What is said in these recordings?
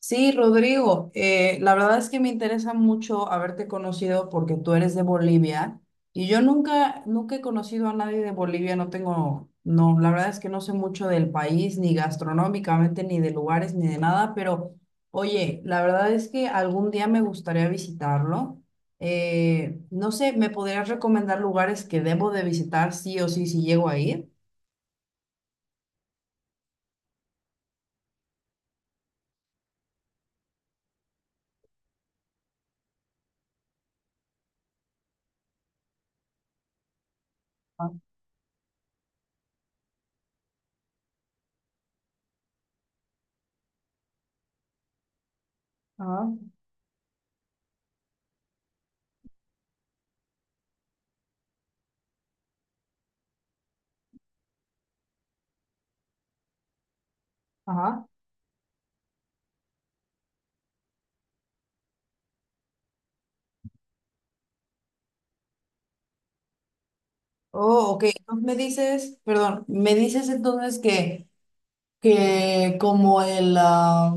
Sí, Rodrigo, la verdad es que me interesa mucho haberte conocido porque tú eres de Bolivia y yo nunca, nunca he conocido a nadie de Bolivia. No tengo, no, la verdad es que no sé mucho del país, ni gastronómicamente, ni de lugares, ni de nada, pero oye, la verdad es que algún día me gustaría visitarlo. No sé, ¿me podrías recomendar lugares que debo de visitar sí o sí si llego a ir? Ah, ajá, ajá. Oh, ok. Entonces me dices, perdón, me dices entonces que como el, ah,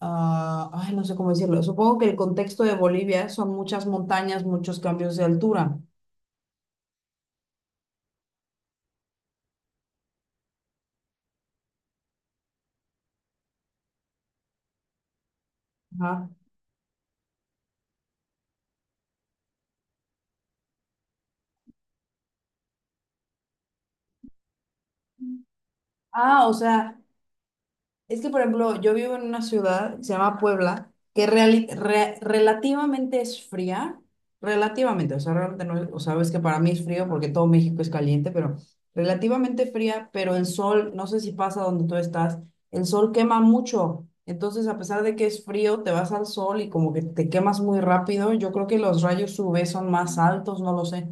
ah, ay, no sé cómo decirlo, supongo que el contexto de Bolivia son muchas montañas, muchos cambios de altura. Ajá. Ah, o sea, es que, por ejemplo, yo vivo en una ciudad que se llama Puebla, que relativamente es fría, relativamente, o sea, realmente no es- o sabes que para mí es frío porque todo México es caliente, pero relativamente fría, pero el sol, no sé si pasa donde tú estás, el sol quema mucho, entonces a pesar de que es frío, te vas al sol y como que te quemas muy rápido. Yo creo que los rayos UV son más altos, no lo sé.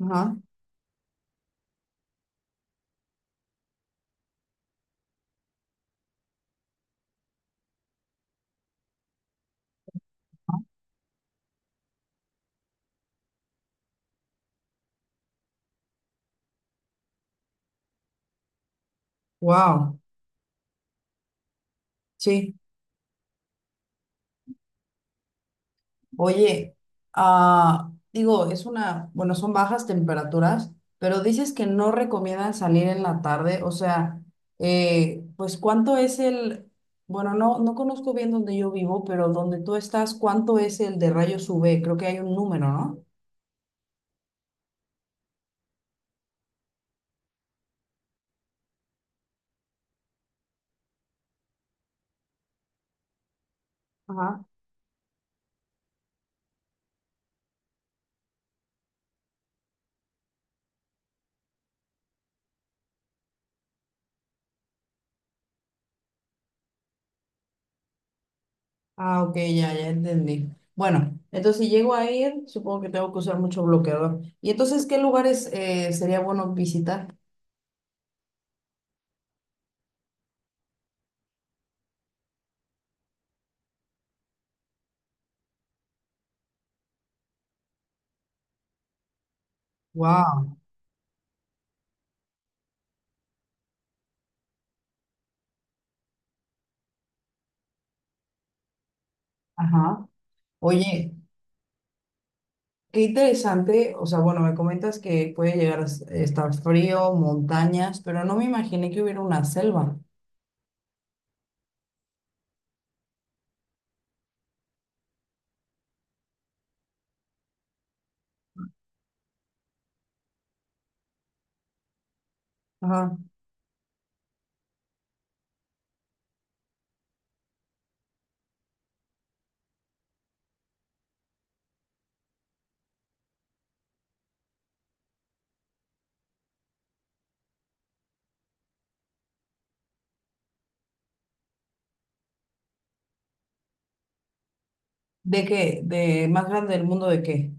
Ajá. Wow, sí. Oye, digo, bueno, son bajas temperaturas, pero dices que no recomiendan salir en la tarde, o sea, pues ¿cuánto es bueno, no, no conozco bien donde yo vivo, pero donde tú estás, ¿cuánto es el de rayos UV? Creo que hay un número, ¿no? Ajá. Ah, ok, ya, ya entendí. Bueno, entonces si llego a ir, supongo que tengo que usar mucho bloqueador. ¿Y entonces qué lugares sería bueno visitar? Wow. Ajá. Oye. Qué interesante, o sea, bueno, me comentas que puede llegar a estar frío, montañas, pero no me imaginé que hubiera una selva. Ajá. ¿De qué? ¿De más grande del mundo de qué?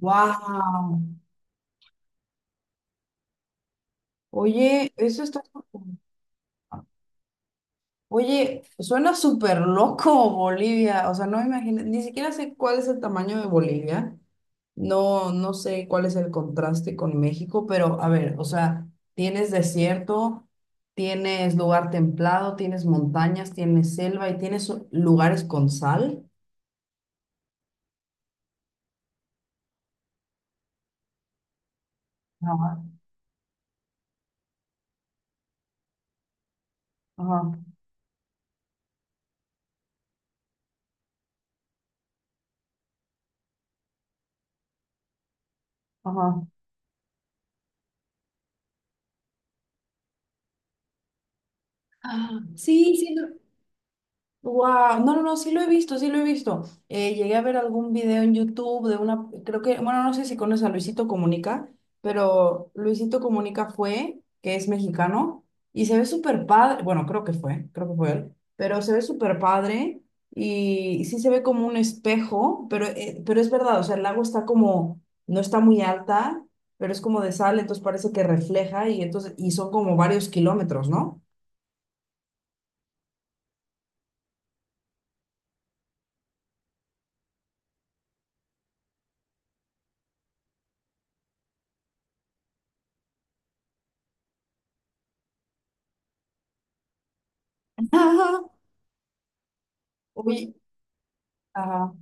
¡Wow! Oye, eso está... Oye, suena súper loco Bolivia, o sea, no me imagino, ni siquiera sé cuál es el tamaño de Bolivia, no, no sé cuál es el contraste con México, pero a ver, o sea, tienes desierto, tienes lugar templado, tienes montañas, tienes selva y tienes lugares con sal. Ajá, ajá, ajá. Ah, sí, sí. Wow, no, no, no, sí lo he visto, sí lo he visto. Llegué a ver algún video en YouTube de una, creo que, bueno, no sé si conoces a Luisito Comunica, pero Luisito Comunica fue, que es mexicano, y se ve súper padre. Bueno, creo que fue él, pero se ve súper padre y sí se ve como un espejo, pero es verdad, o sea, el lago está como, no está muy alta, pero es como de sal, entonces parece que refleja y entonces, y son como varios kilómetros, ¿no? Oye, ajá,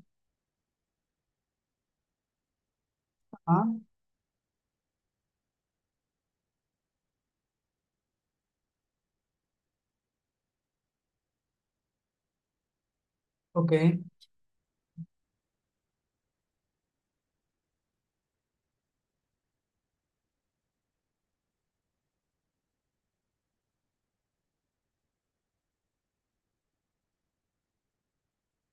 ajá. Ok,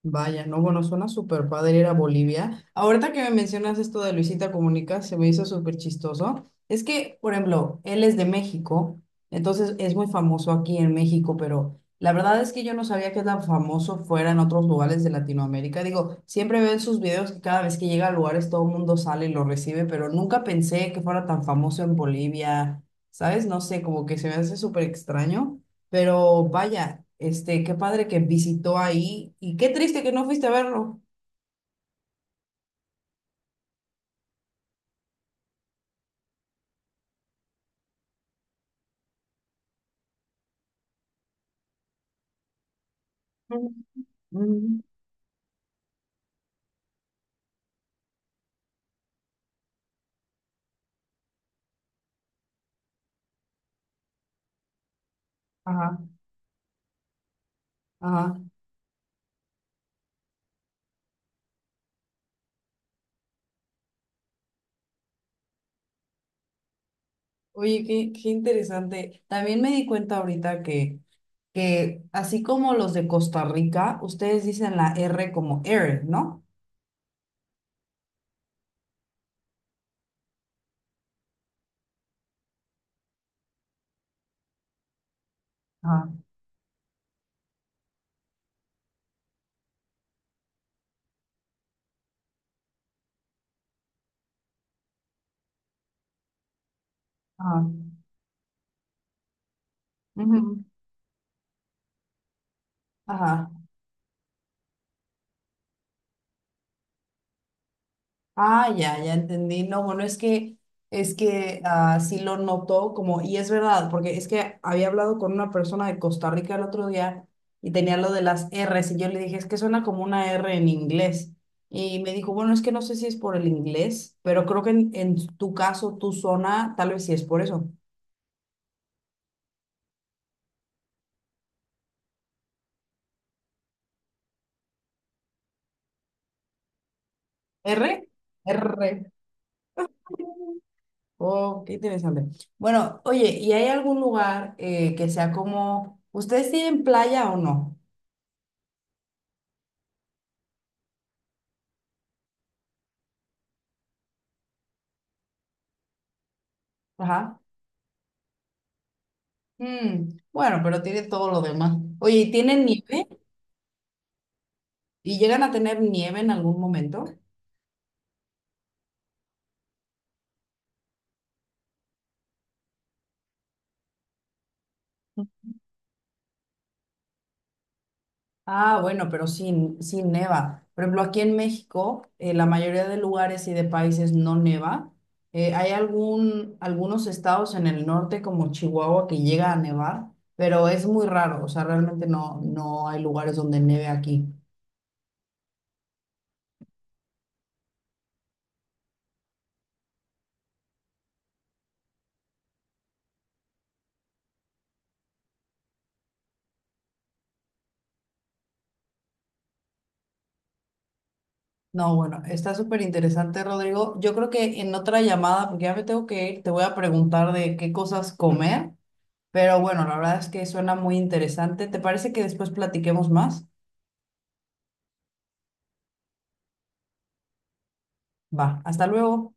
vaya, no, bueno, suena súper padre ir a Bolivia. Ahorita que me mencionas esto de Luisita Comunica, se me hizo súper chistoso. Es que, por ejemplo, él es de México, entonces es muy famoso aquí en México, pero la verdad es que yo no sabía que tan famoso fuera en otros lugares de Latinoamérica. Digo, siempre veo en sus videos que cada vez que llega a lugares todo el mundo sale y lo recibe, pero nunca pensé que fuera tan famoso en Bolivia, ¿sabes? No sé, como que se me hace súper extraño. Pero vaya, este, qué padre que visitó ahí y qué triste que no fuiste a verlo. Mm, mm. Ajá, ajá. Oye, qué, qué interesante. También me di cuenta ahorita que así como los de Costa Rica, ustedes dicen la R como air, ¿no? Ah, ajá. Ujú, mm. Ajá. Ah, ya, ya entendí. No, bueno, es que, sí lo notó como, y es verdad, porque es que había hablado con una persona de Costa Rica el otro día y tenía lo de las R's y yo le dije, es que suena como una R en inglés. Y me dijo, bueno, es que no sé si es por el inglés, pero creo que en tu caso, tu zona, tal vez sí es por eso. ¿R? R. Oh, qué interesante. Bueno, oye, ¿y hay algún lugar que sea como, ¿ustedes tienen playa o no? Ajá. Mm, bueno, pero tiene todo lo demás. Oye, ¿y tienen nieve? ¿Y llegan a tener nieve en algún momento? Ah, bueno, pero sin, sin neva. Por ejemplo, aquí en México, la mayoría de lugares y de países no neva. Hay algún, algunos estados en el norte, como Chihuahua, que llega a nevar, pero es muy raro. O sea, realmente no, no hay lugares donde neve aquí. No, bueno, está súper interesante, Rodrigo. Yo creo que en otra llamada, porque ya me tengo que ir, te voy a preguntar de qué cosas comer. Pero bueno, la verdad es que suena muy interesante. ¿Te parece que después platiquemos más? Va, hasta luego.